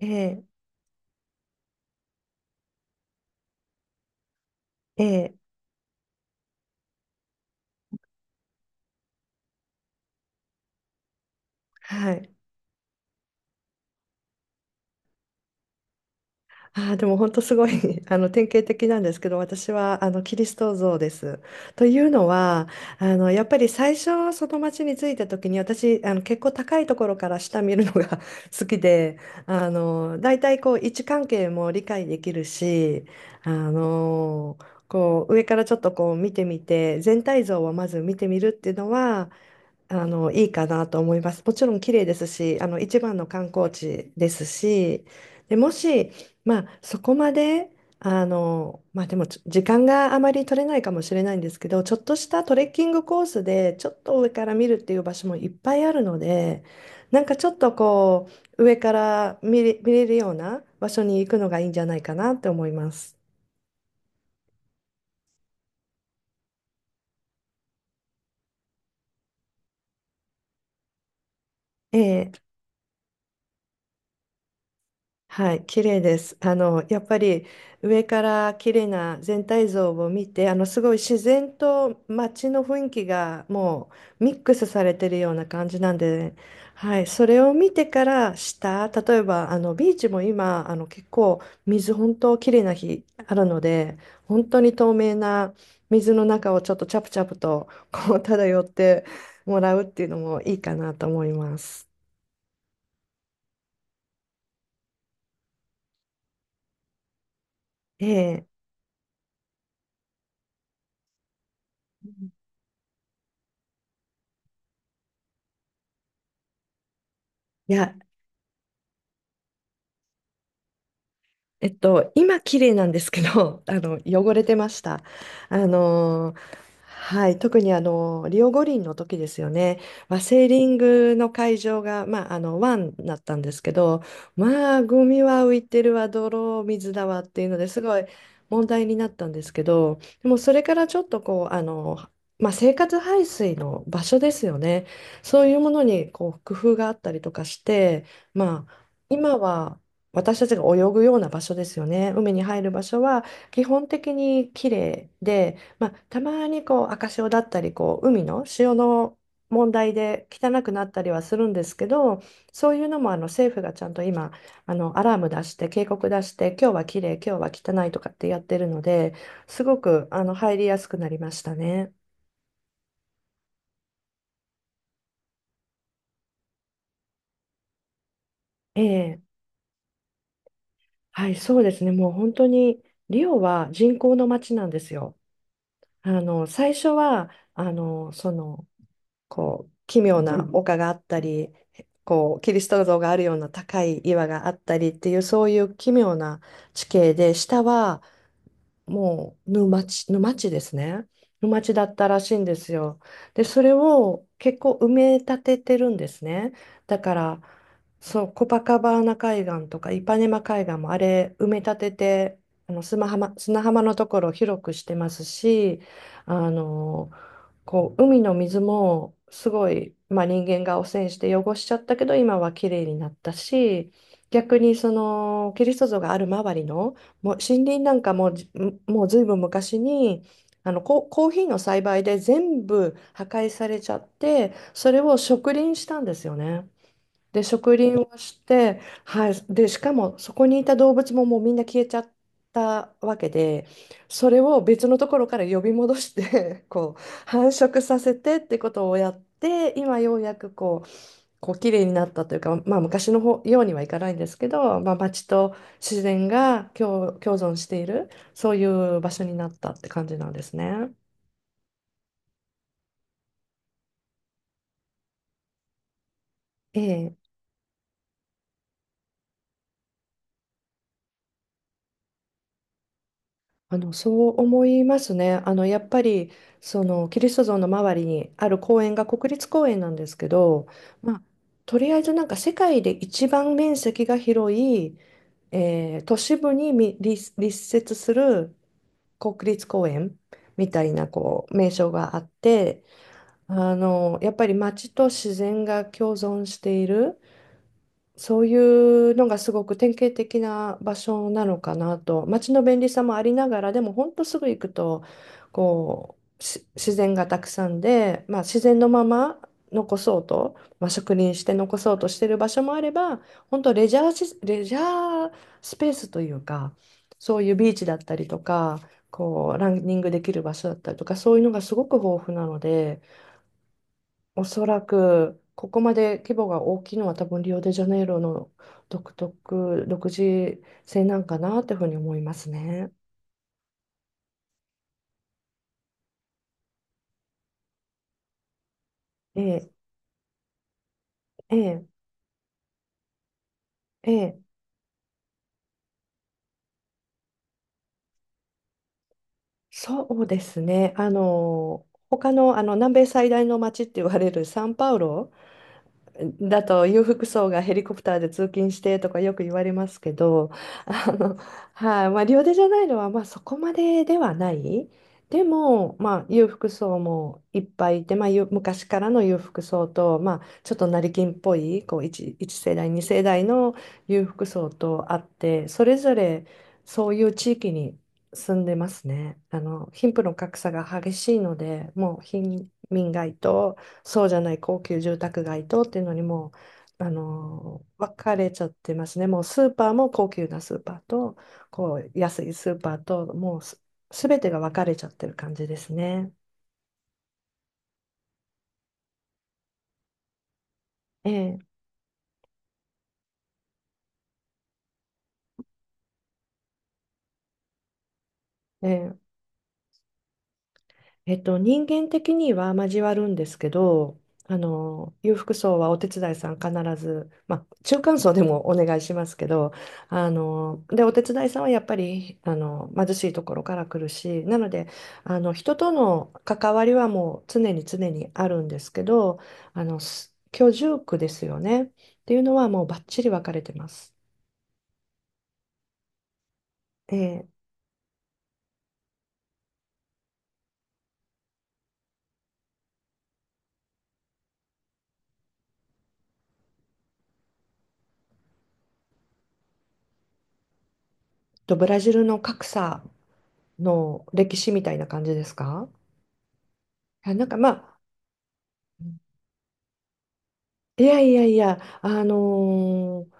ええ、ええ、はい。ああ、でも本当すごい、 典型的なんですけど、私はあのキリスト像です。というのは、やっぱり最初その町に着いた時に、私結構高いところから下見るのが 好きで、大体こう位置関係も理解できるし、あのこう上からちょっとこう見てみて全体像をまず見てみるっていうのは、いいかなと思います。もちろん綺麗ですし、一番の観光地ですし、で、もし、まあ、そこまで、まあ、でも時間があまり取れないかもしれないんですけど、ちょっとしたトレッキングコースで、ちょっと上から見るっていう場所もいっぱいあるので、なんかちょっとこう、上から見れるような場所に行くのがいいんじゃないかなって思います。ええ、はい、綺麗です。やっぱり上から綺麗な全体像を見て、すごい自然と街の雰囲気がもうミックスされてるような感じなんで、はい、それを見てから下、例えばあのビーチも今、結構水本当綺麗な日あるので、本当に透明な水の中をちょっとチャプチャプとこう漂ってもらうっていうのもいいかなと思います。ええ、いや、今綺麗なんですけど、汚れてました。あのーはい、特にあのリオ五輪の時ですよね、まあ、セーリングの会場が、まあ、あの湾だったんですけど、まあ、ゴミは浮いてるわ、泥水だわっていうのですごい問題になったんですけど、でもそれからちょっとこう、まあ、生活排水の場所ですよね、そういうものにこう工夫があったりとかして、まあ、今は私たちが泳ぐような場所ですよね。海に入る場所は基本的に綺麗で、まあ、たまにこう赤潮だったりこう海の潮の問題で汚くなったりはするんですけど、そういうのもあの政府がちゃんと今あのアラーム出して警告出して今日は綺麗今日は汚いとかってやってるので、すごく入りやすくなりましたね。ええ、はい、そうですね。もう本当にリオは人口の街なんですよ。最初はこう奇妙な丘があったり、こうキリスト像があるような高い岩があったりっていうそういう奇妙な地形で、下はもう沼地、沼地ですね。沼地だったらしいんですよ。で、それを結構埋め立ててるんですね。だから、そう、コパカバーナ海岸とかイパネマ海岸もあれ埋め立てて、砂浜、砂浜のところを広くしてますし、あの海の水もすごい、まあ、人間が汚染して汚しちゃったけど、今はきれいになったし、逆にそのキリスト像がある周りのもう森林なんかももうずいぶん昔にコーヒーの栽培で全部破壊されちゃって、それを植林したんですよね。で、植林をして、はい、で、しかもそこにいた動物ももうみんな消えちゃったわけで、それを別のところから呼び戻して こう繁殖させてってことをやって、今ようやくこう綺麗になったというか、まあ、昔の方ようにはいかないんですけど、まあ、町と自然が共存しているそういう場所になったって感じなんですね。ええ、そう思いますね。やっぱり、その、キリスト像の周りにある公園が国立公園なんですけど、まあ、とりあえずなんか世界で一番面積が広い、都市部に立設する国立公園みたいな、こう、名称があって、やっぱり街と自然が共存している。そういうのがすごく典型的な場所なのかなと、街の便利さもありながらでも本当すぐ行くと、こう自然がたくさんで、まあ、自然のまま残そうと、まあ、植林して残そうとしてる場所もあれば、本当レジャースペースというか、そういうビーチだったりとかこうランニングできる場所だったりとか、そういうのがすごく豊富なので。おそらく、ここまで規模が大きいのは多分リオデジャネイロの独自性なんかなというふうに思いますね。ええ、ええ、ええ、そうですね。他の、あの南米最大の街って言われるサンパウロだと、裕福層がヘリコプターで通勤してとかよく言われますけど、あの、はい、まあ、リオデジャネイロはまあそこまでではない。でも、まあ、裕福層もいっぱいいて、まあ、昔からの裕福層と、まあ、ちょっと成金っぽいこう1、一世代、2世代の裕福層とあって、それぞれそういう地域に住んでますね。あの、貧富の格差が激しいので、もう貧民街とそうじゃない高級住宅街とっていうのにもう、分かれちゃってますね。もうスーパーも高級なスーパーと、こう安いスーパーと、もうすべてが分かれちゃってる感じですね。ええ、ええ人間的には交わるんですけど、裕福層はお手伝いさん必ず、まあ、中間層でもお願いしますけど、で、お手伝いさんはやっぱり、貧しいところから来るし、なので、人との関わりはもう常に常にあるんですけど、居住区ですよね。っていうのはもうバッチリ分かれてます。えーっブラジルの格差の歴史みたいな感じですか？いやなんかまあ、いやいやいや、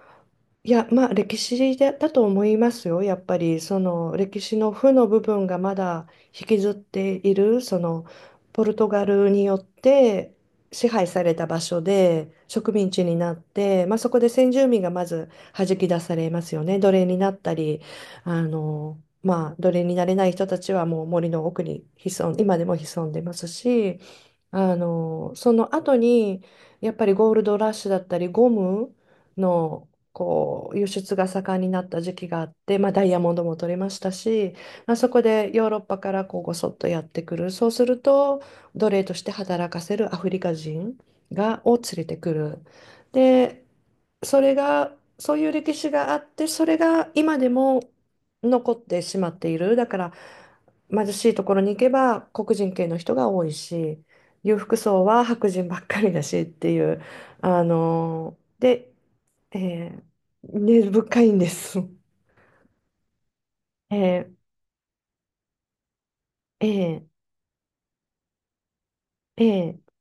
いや、まあ歴史でだと思いますよ。やっぱりその歴史の負の部分がまだ引きずっている、そのポルトガルによって支配された場所で植民地になって、まあ、そこで先住民がまず弾き出されますよね。奴隷になったり、あのまあ、奴隷になれない人たちはもう森の奥に今でも潜んでますし。その後にやっぱりゴールドラッシュだったりゴムのこう輸出が盛んになった時期があって、まあ、ダイヤモンドも取れましたし、まあ、そこでヨーロッパからこうごそっとやってくる、そうすると奴隷として働かせるアフリカ人を連れてくる。で、それがそういう歴史があって、それが今でも残ってしまっている。だから貧しいところに行けば黒人系の人が多いし、裕福層は白人ばっかりだしっていう、で、え根深いんです。えー、えー、えー、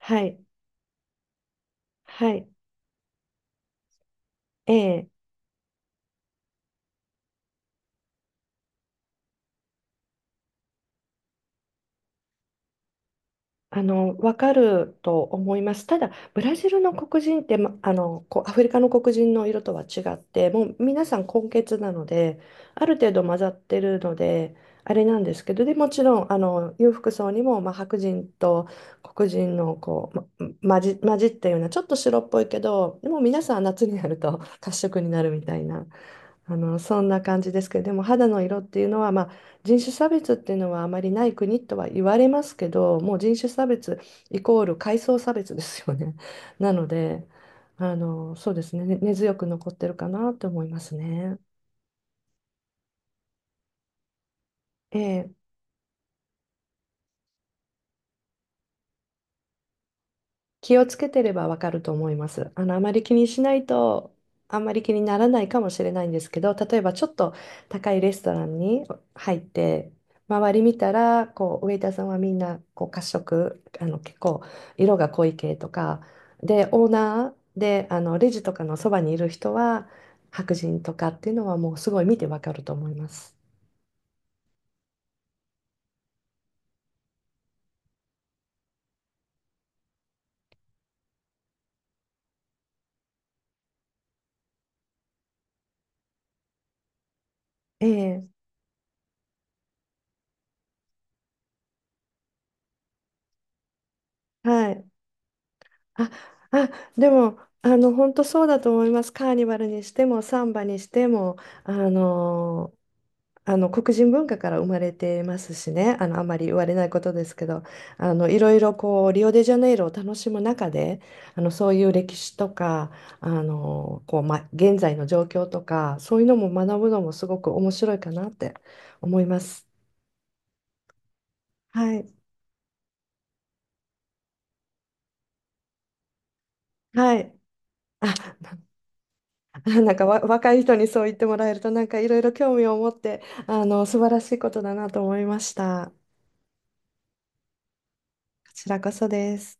はい、はい、えーわかると思います。ただ、ブラジルの黒人って、ま、こう、アフリカの黒人の色とは違って、もう皆さん混血なので、ある程度混ざってるので、あれなんですけど、で、もちろん、裕福層にも、まあ、白人と黒人の、こう、ま、混じったような、ちょっと白っぽいけど、でも皆さん夏になると褐色になるみたいな、そんな感じですけど、でも肌の色っていうのは、まあ、人種差別っていうのはあまりない国とは言われますけど、もう人種差別イコール階層差別ですよね。なので、そうですね、根強く残ってるかなと思いますね。ええ、気をつけてればわかると思います。あまり気にしないと、あんまり気にならないかもしれないんですけど、例えばちょっと高いレストランに入って、周り見たら、こう、ウェイターさんはみんな、こう、褐色、結構、色が濃い系とか、で、オーナーで、レジとかのそばにいる人は、白人とかっていうのはもうすごい見てわかると思います。ええ、はい。あ、あ、でも、本当そうだと思います。カーニバルにしても、サンバにしても、あの黒人文化から生まれてますしね、あまり言われないことですけど、いろいろこう、リオデジャネイロを楽しむ中で、そういう歴史とか、こう、ま、現在の状況とか、そういうのも学ぶのもすごく面白いかなって思います。はい。はい。あ あ、なんか若い人にそう言ってもらえると、なんかいろいろ興味を持って、素晴らしいことだなと思いました。こちらこそです。